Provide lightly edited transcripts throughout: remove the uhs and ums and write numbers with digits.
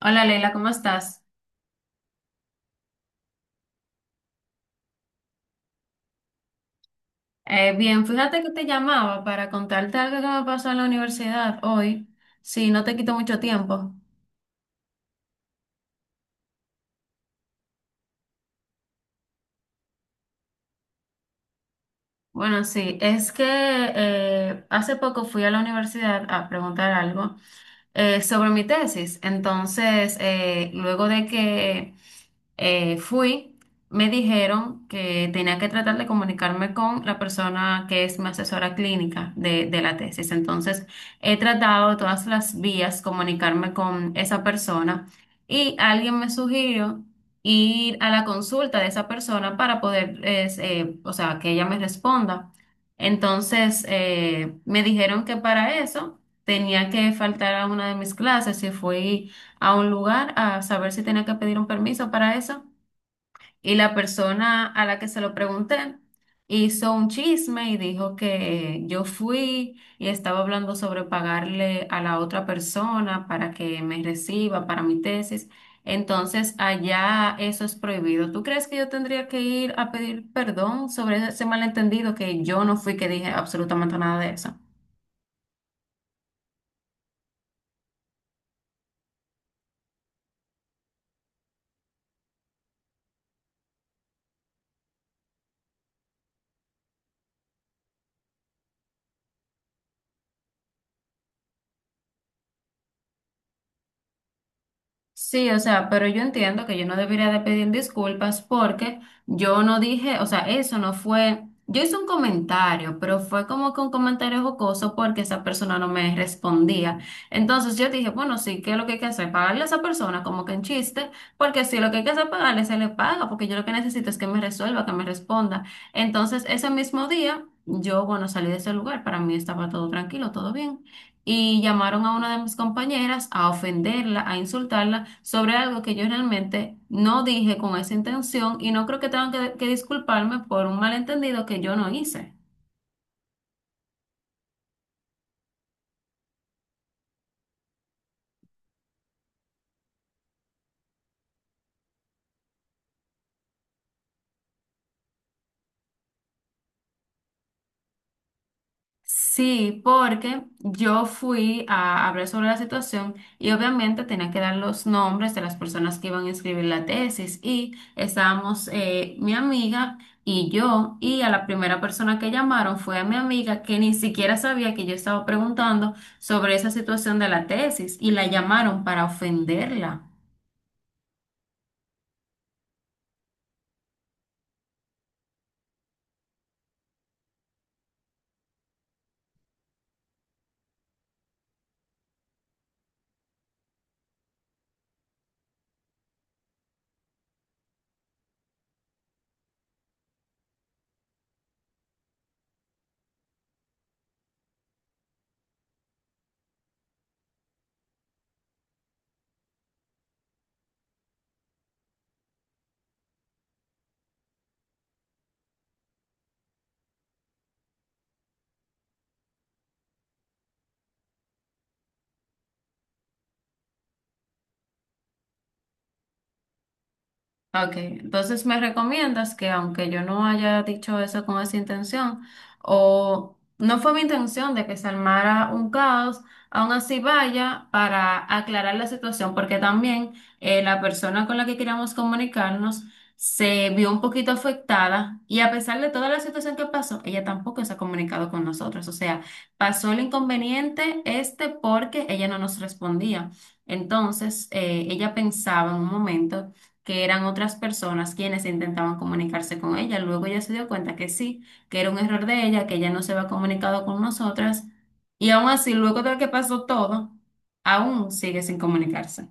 Hola Leila, ¿cómo estás? Bien, fíjate que te llamaba para contarte algo que me pasó en la universidad hoy. Sí, no te quito mucho tiempo. Bueno, sí, es que hace poco fui a la universidad a preguntar algo sobre mi tesis. Entonces, luego de que fui, me dijeron que tenía que tratar de comunicarme con la persona que es mi asesora clínica de la tesis. Entonces, he tratado de todas las vías comunicarme con esa persona y alguien me sugirió ir a la consulta de esa persona para poder, es, o sea, que ella me responda. Entonces, me dijeron que para eso tenía que faltar a una de mis clases y fui a un lugar a saber si tenía que pedir un permiso para eso. Y la persona a la que se lo pregunté hizo un chisme y dijo que yo fui y estaba hablando sobre pagarle a la otra persona para que me reciba para mi tesis. Entonces, allá eso es prohibido. ¿Tú crees que yo tendría que ir a pedir perdón sobre ese malentendido que yo no fui que dije absolutamente nada de eso? Sí, o sea, pero yo entiendo que yo no debería de pedir disculpas porque yo no dije, o sea, eso no fue, yo hice un comentario, pero fue como que un comentario jocoso porque esa persona no me respondía. Entonces yo dije, bueno, sí, ¿qué es lo que hay que hacer? Pagarle a esa persona como que en chiste, porque si lo que hay que hacer es pagarle, se le paga, porque yo lo que necesito es que me resuelva, que me responda. Entonces ese mismo día, yo, bueno, salí de ese lugar, para mí estaba todo tranquilo, todo bien y llamaron a una de mis compañeras a ofenderla, a insultarla sobre algo que yo realmente no dije con esa intención y no creo que tengan que disculparme por un malentendido que yo no hice. Sí, porque yo fui a hablar sobre la situación y obviamente tenía que dar los nombres de las personas que iban a escribir la tesis y estábamos mi amiga y yo y a la primera persona que llamaron fue a mi amiga que ni siquiera sabía que yo estaba preguntando sobre esa situación de la tesis y la llamaron para ofenderla. Ok, entonces me recomiendas que aunque yo no haya dicho eso con esa intención, o no fue mi intención de que se armara un caos, aún así vaya para aclarar la situación, porque también la persona con la que queríamos comunicarnos se vio un poquito afectada y a pesar de toda la situación que pasó, ella tampoco se ha comunicado con nosotros. O sea, pasó el inconveniente este porque ella no nos respondía. Entonces, ella pensaba en un momento que eran otras personas quienes intentaban comunicarse con ella. Luego ella se dio cuenta que sí, que era un error de ella, que ella no se había comunicado con nosotras. Y aún así, luego de que pasó todo, aún sigue sin comunicarse.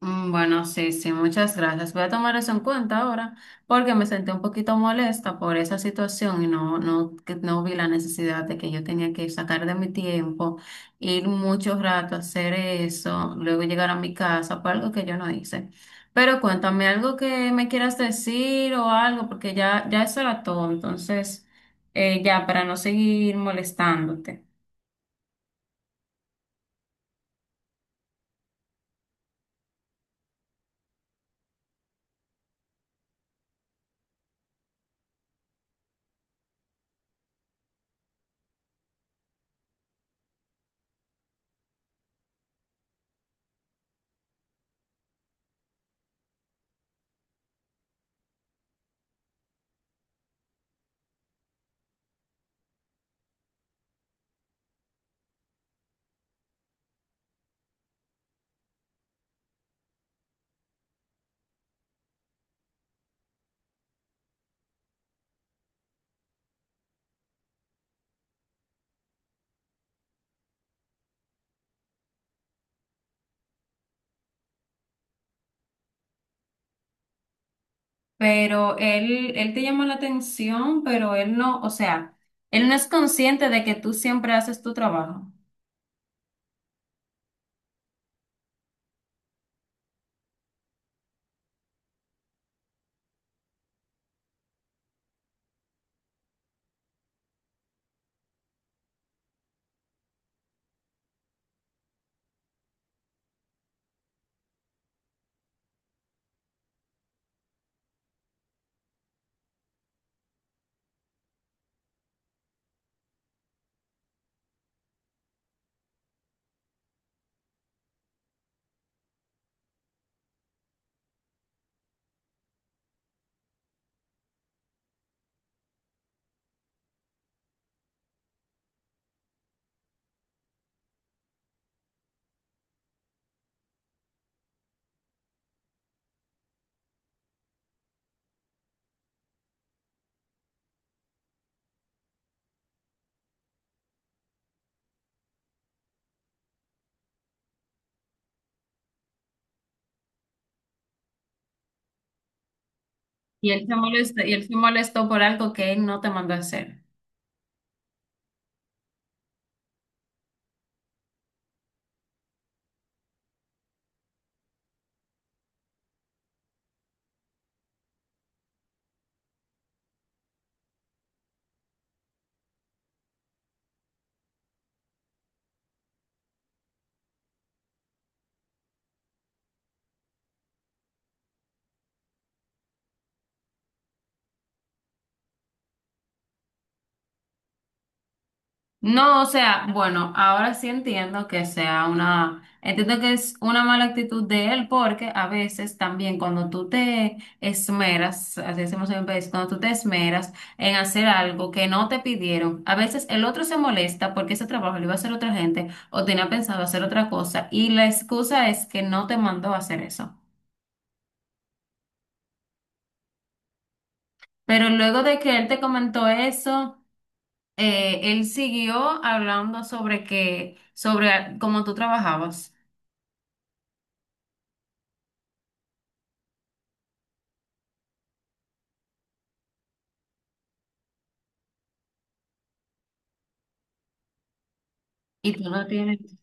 Bueno, sí, sí, muchas gracias. Voy a tomar eso en cuenta ahora porque me sentí un poquito molesta por esa situación y que no vi la necesidad de que yo tenía que sacar de mi tiempo, ir mucho rato a hacer eso, luego llegar a mi casa por algo que yo no hice. Pero cuéntame algo que me quieras decir o algo porque ya eso era todo. Entonces, ya, para no seguir molestándote. Pero él te llama la atención, pero él no, o sea, él no es consciente de que tú siempre haces tu trabajo. Y él se molesta, y él se molestó por algo que él no te mandó a hacer. No, o sea, bueno, ahora sí entiendo que sea una, entiendo que es una mala actitud de él porque a veces también cuando tú te esmeras, así decimos en mi país, cuando tú te esmeras en hacer algo que no te pidieron, a veces el otro se molesta porque ese trabajo lo iba a hacer otra gente o tenía pensado hacer otra cosa y la excusa es que no te mandó a hacer eso. Pero luego de que él te comentó eso, él siguió hablando sobre que, sobre cómo tú trabajabas. Y tú no tienes.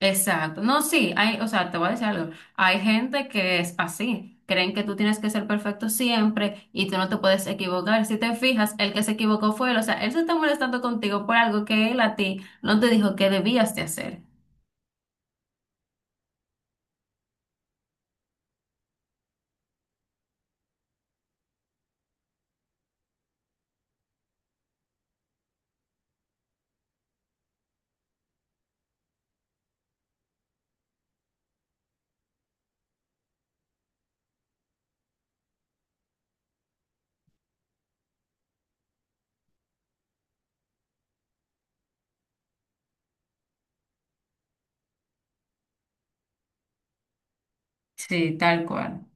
Exacto. No, sí, hay, o sea, te voy a decir algo. Hay gente que es así. Creen que tú tienes que ser perfecto siempre y tú no te puedes equivocar. Si te fijas, el que se equivocó fue él. O sea, él se está molestando contigo por algo que él a ti no te dijo que debías de hacer. Sí, tal cual.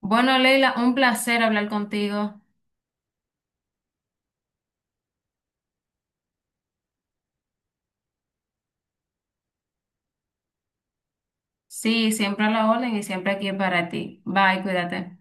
Bueno, Leila, un placer hablar contigo. Sí, siempre a la orden y siempre aquí para ti. Bye, cuídate.